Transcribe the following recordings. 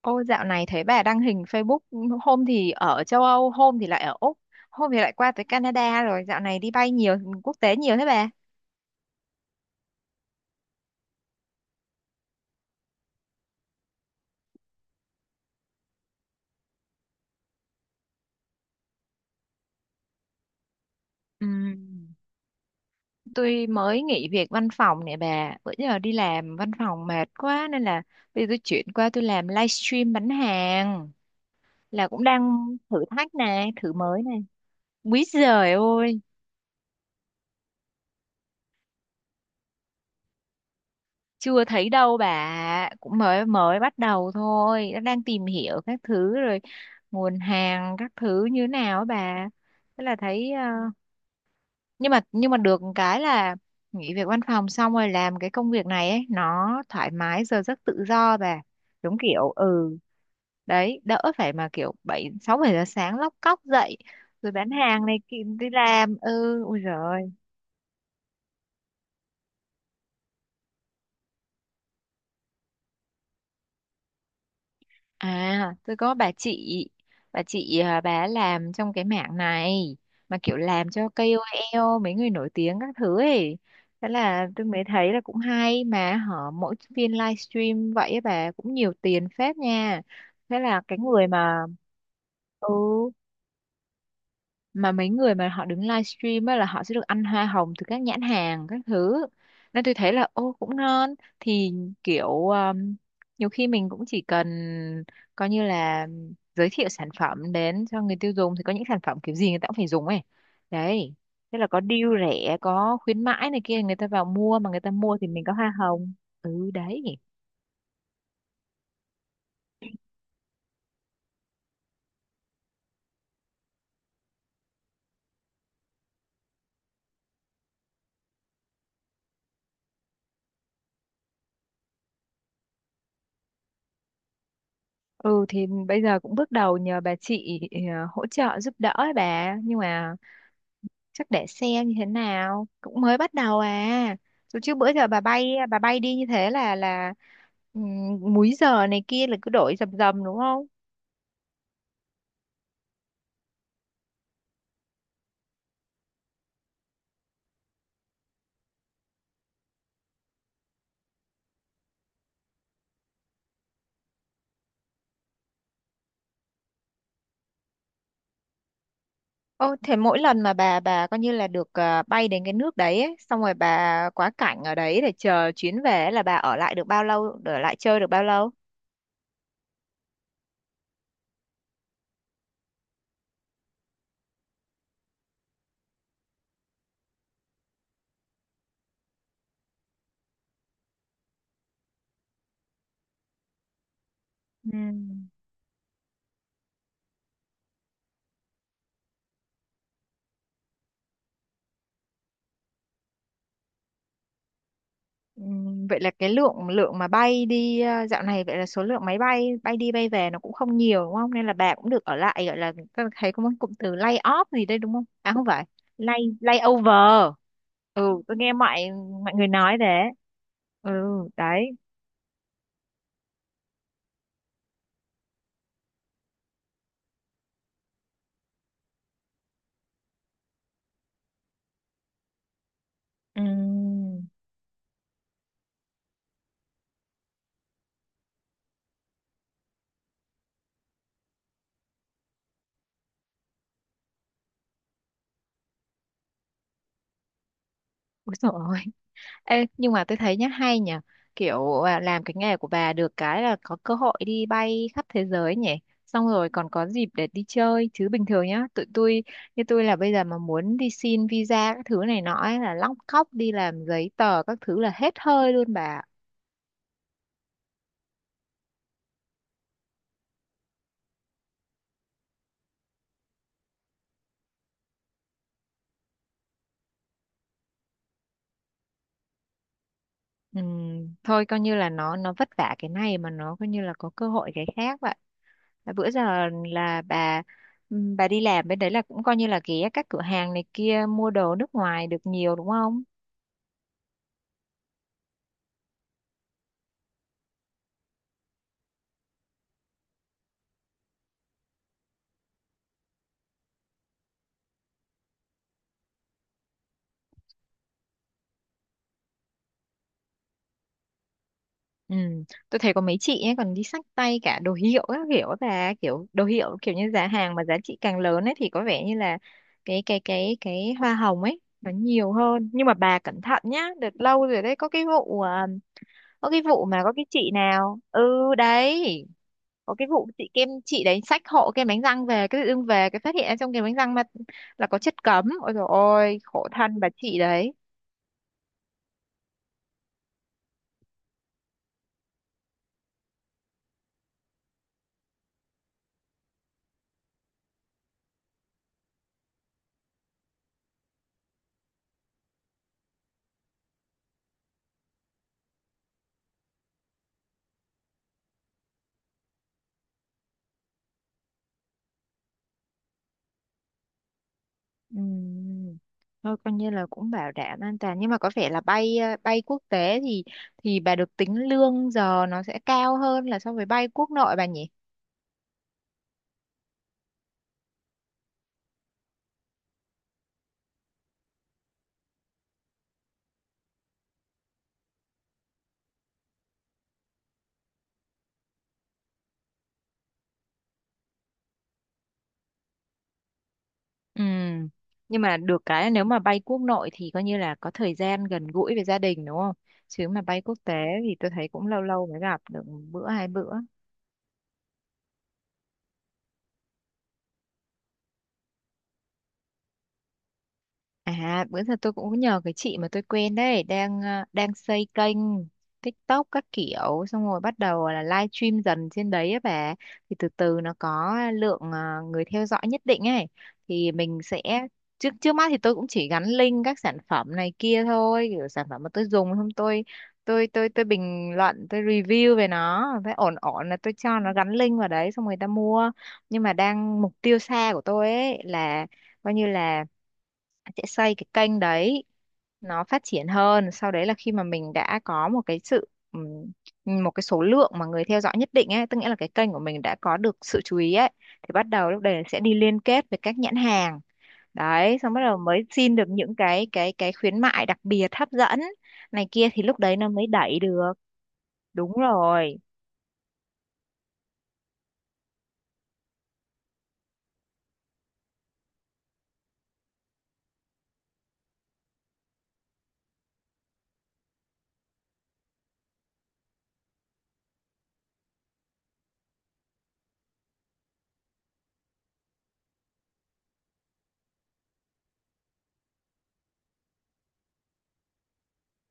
Ô, dạo này thấy bà đăng hình Facebook, hôm thì ở châu Âu, hôm thì lại ở Úc, hôm thì lại qua tới Canada. Rồi dạo này đi bay nhiều quốc tế nhiều thế bà. Ừm, Tôi mới nghỉ việc văn phòng nè bà, bữa giờ đi làm văn phòng mệt quá nên là bây giờ tôi chuyển qua tôi làm livestream bán hàng, là cũng đang thử thách này, thử mới này. Quý giời ơi, chưa thấy đâu bà, cũng mới mới bắt đầu thôi. Nó đang tìm hiểu các thứ, rồi nguồn hàng các thứ như nào á bà, thế là thấy nhưng mà được cái là nghỉ việc văn phòng xong rồi làm cái công việc này ấy, nó thoải mái giờ giấc tự do bà, đúng kiểu, ừ, đấy, đỡ phải mà kiểu bảy giờ sáng lóc cóc dậy rồi bán hàng này, đi làm, ừ, ui giời. À, tôi có bà chị à, bà ấy làm trong cái mảng này, mà kiểu làm cho ca O KOL, mấy người nổi tiếng các thứ ấy. Thế là tôi mới thấy là cũng hay, mà họ mỗi phiên livestream vậy á bà cũng nhiều tiền phết nha. Thế là cái người mà, ừ, mà mấy người mà họ đứng livestream á là họ sẽ được ăn hoa hồng từ các nhãn hàng các thứ, nên tôi thấy là ô cũng ngon. Thì kiểu, nhiều khi mình cũng chỉ cần coi như là giới thiệu sản phẩm đến cho người tiêu dùng, thì có những sản phẩm kiểu gì người ta cũng phải dùng ấy đấy. Thế là có deal rẻ, có khuyến mãi này kia, người ta vào mua, mà người ta mua thì mình có hoa hồng, ừ đấy. Ừ, thì bây giờ cũng bước đầu nhờ bà chị, hỗ trợ giúp đỡ ấy bà, nhưng mà chắc để xem như thế nào, cũng mới bắt đầu à. Rồi, chứ bữa giờ bà bay, bà bay đi như thế là múi giờ này kia là cứ đổi dầm dầm đúng không? Ô thế mỗi lần mà bà coi như là được, à, bay đến cái nước đấy ấy, xong rồi bà quá cảnh ở đấy để chờ chuyến về ấy, là bà ở lại được bao lâu, ở lại chơi được bao lâu? Ừ. Vậy là cái lượng lượng mà bay đi, dạo này vậy là số lượng máy bay bay đi bay về nó cũng không nhiều đúng không? Nên là bà cũng được ở lại, gọi là, tôi thấy có một cụm từ lay off gì đây đúng không? À không phải, lay lay over. Ừ, tôi nghe mọi mọi người nói thế. Ừ, đấy. Ừm. Úi dồi ôi, ê, nhưng mà tôi thấy nhá, hay nhỉ, kiểu à, làm cái nghề của bà được cái là có cơ hội đi bay khắp thế giới nhỉ, xong rồi còn có dịp để đi chơi. Chứ bình thường nhá, tụi tôi, như tôi là bây giờ mà muốn đi xin visa các thứ này nọ ấy, là lóc cóc đi làm giấy tờ các thứ là hết hơi luôn bà ạ. Thôi coi như là nó vất vả cái này, mà nó coi như là có cơ hội cái khác vậy, là bữa giờ là bà, bà đi làm bên đấy là cũng coi như là ghé các cửa hàng này kia mua đồ nước ngoài được nhiều đúng không? Ừ. Tôi thấy có mấy chị ấy còn đi xách tay cả đồ hiệu các kiểu, và kiểu đồ hiệu kiểu như giá hàng mà giá trị càng lớn ấy thì có vẻ như là cái hoa hồng ấy nó nhiều hơn, nhưng mà bà cẩn thận nhá, đợt lâu rồi đấy có cái vụ có cái vụ mà có cái chị nào, ừ đấy, có cái vụ chị kem, chị đấy xách hộ kem đánh răng về, cái tự dưng về cái phát hiện ra trong kem đánh răng mà là có chất cấm, ôi dồi ôi khổ thân bà chị đấy. Ừm, Thôi coi như là cũng bảo đảm an toàn, nhưng mà có vẻ là bay, bay quốc tế thì bà được tính lương giờ nó sẽ cao hơn là so với bay quốc nội bà nhỉ? Ừm. Nhưng mà được cái là nếu mà bay quốc nội thì coi như là có thời gian gần gũi với gia đình đúng không? Chứ mà bay quốc tế thì tôi thấy cũng lâu lâu mới gặp được bữa hai bữa. À, bữa giờ tôi cũng nhờ cái chị mà tôi quen đấy, đang, đang xây kênh TikTok các kiểu, xong rồi bắt đầu là live stream dần trên đấy á bà. Thì từ từ nó có lượng, người theo dõi nhất định ấy, thì mình sẽ, trước trước mắt thì tôi cũng chỉ gắn link các sản phẩm này kia thôi, kiểu sản phẩm mà tôi dùng, không tôi, tôi bình luận, tôi review về nó, thấy ổn ổn là tôi cho nó gắn link vào đấy xong người ta mua. Nhưng mà đang mục tiêu xa của tôi ấy là coi như là sẽ xây cái kênh đấy nó phát triển hơn, sau đấy là khi mà mình đã có một cái sự, một cái số lượng mà người theo dõi nhất định ấy, tức nghĩa là cái kênh của mình đã có được sự chú ý ấy, thì bắt đầu lúc đấy sẽ đi liên kết với các nhãn hàng đấy, xong bắt đầu mới xin được những cái khuyến mại đặc biệt hấp dẫn này kia, thì lúc đấy nó mới đẩy được. Đúng rồi.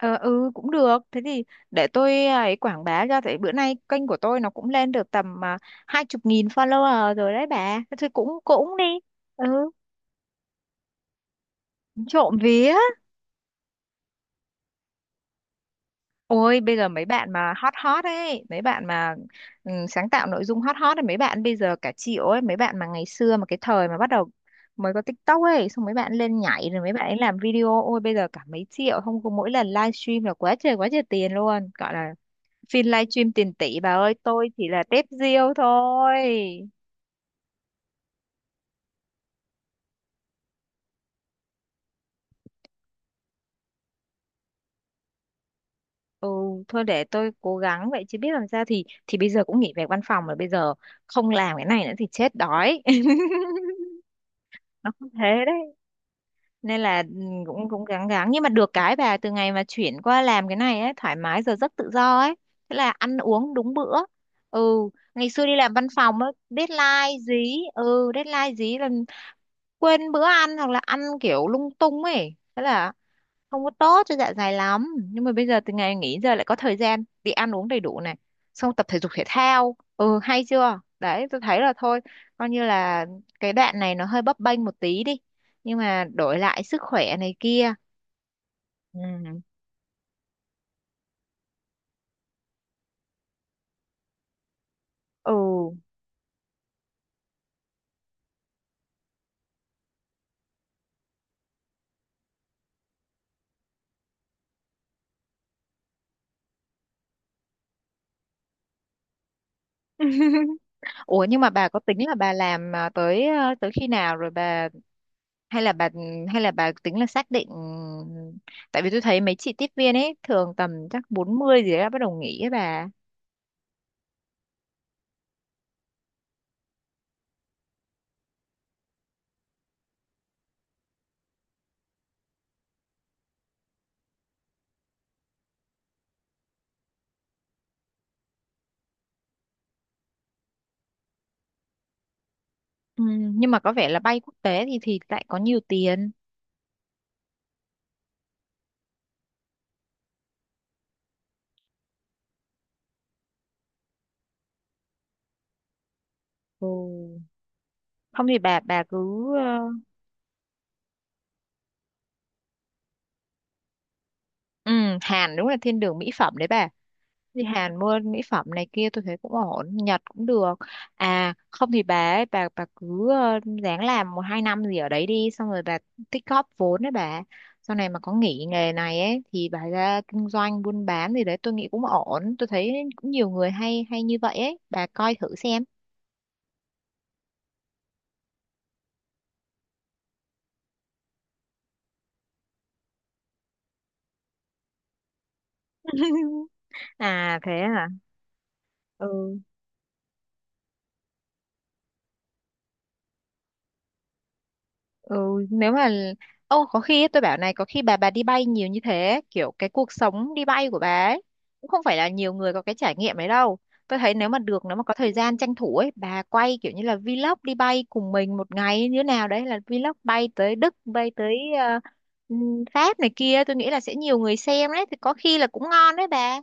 Ờ, ừ cũng được, thế thì để tôi à, ấy quảng bá ra, tại bữa nay kênh của tôi nó cũng lên được tầm à, 20 nghìn follower rồi đấy bà, thế thôi cũng cũng đi. Ừ, trộm vía, ôi bây giờ mấy bạn mà hot hot ấy, mấy bạn mà, ừ, sáng tạo nội dung hot hot ấy, mấy bạn bây giờ cả triệu ấy. Mấy bạn mà ngày xưa mà cái thời mà bắt đầu mới có TikTok ấy, xong mấy bạn lên nhảy rồi mấy bạn ấy làm video, ôi bây giờ cả mấy triệu không có, mỗi lần livestream là quá trời tiền luôn, gọi là phim livestream tiền tỷ bà ơi, tôi chỉ là tép riêu thôi. Ừ, thôi để tôi cố gắng vậy, chứ biết làm sao, thì bây giờ cũng nghỉ việc văn phòng rồi, bây giờ không làm cái này nữa thì chết đói. Nó cũng thế đấy. Nên là, ừ, cũng cũng gắng gắng, nhưng mà được cái bà, từ ngày mà chuyển qua làm cái này ấy, thoải mái giờ giấc tự do ấy. Thế là ăn uống đúng bữa. Ừ, ngày xưa đi làm văn phòng ấy, deadline dí, ừ, deadline dí là quên bữa ăn hoặc là ăn kiểu lung tung ấy. Thế là không có tốt cho dạ dày lắm, nhưng mà bây giờ từ ngày nghỉ giờ lại có thời gian đi ăn uống đầy đủ này, xong tập thể dục thể thao, ừ hay chưa đấy. Tôi thấy là thôi coi như là cái đoạn này nó hơi bấp bênh một tí đi, nhưng mà đổi lại sức khỏe này kia. Ừ. Ừ. Ủa nhưng mà bà có tính là bà làm, à, tới, à, tới khi nào rồi bà, hay là bà, hay là bà tính là xác định, tại vì tôi thấy mấy chị tiếp viên ấy thường tầm chắc 40 gì đó bắt đầu nghỉ ấy bà. Ừ, nhưng mà có vẻ là bay quốc tế thì lại có nhiều tiền. Ừ. Không thì bà cứ, ờ, ừ, Hàn đúng là thiên đường mỹ phẩm đấy bà. Thì Hàn mua mỹ phẩm này kia tôi thấy cũng ổn, Nhật cũng được. À không thì bà ấy, bà cứ, ờ, ráng làm 1 2 năm gì ở đấy đi, xong rồi bà tích góp vốn đấy bà. Sau này mà có nghỉ nghề này ấy thì bà ra kinh doanh buôn bán gì đấy tôi nghĩ cũng ổn. Tôi thấy cũng nhiều người hay hay như vậy ấy, bà coi thử xem. À thế à. Ừ. Ừ, nếu mà, ô có khi ấy, tôi bảo này, có khi bà đi bay nhiều như thế, kiểu cái cuộc sống đi bay của bà ấy cũng không phải là nhiều người có cái trải nghiệm ấy đâu. Tôi thấy nếu mà được, nếu mà có thời gian tranh thủ ấy, bà quay kiểu như là vlog đi bay cùng mình một ngày như thế nào đấy, là vlog bay tới Đức, bay tới, ờ, Pháp này kia, tôi nghĩ là sẽ nhiều người xem đấy, thì có khi là cũng ngon đấy bà.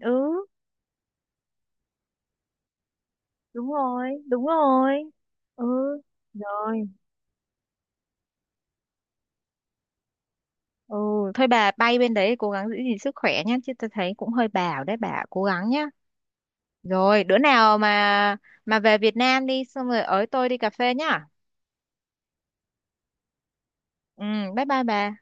Ừ, đúng rồi, đúng rồi. Ừ. Rồi. Ừ, thôi bà bay bên đấy cố gắng giữ gìn sức khỏe nhé, chứ tôi thấy cũng hơi bảo đấy, bà cố gắng nhé. Rồi bữa nào mà về Việt Nam đi xong rồi ới tôi đi cà phê nhá. Ừ, bye bye bà.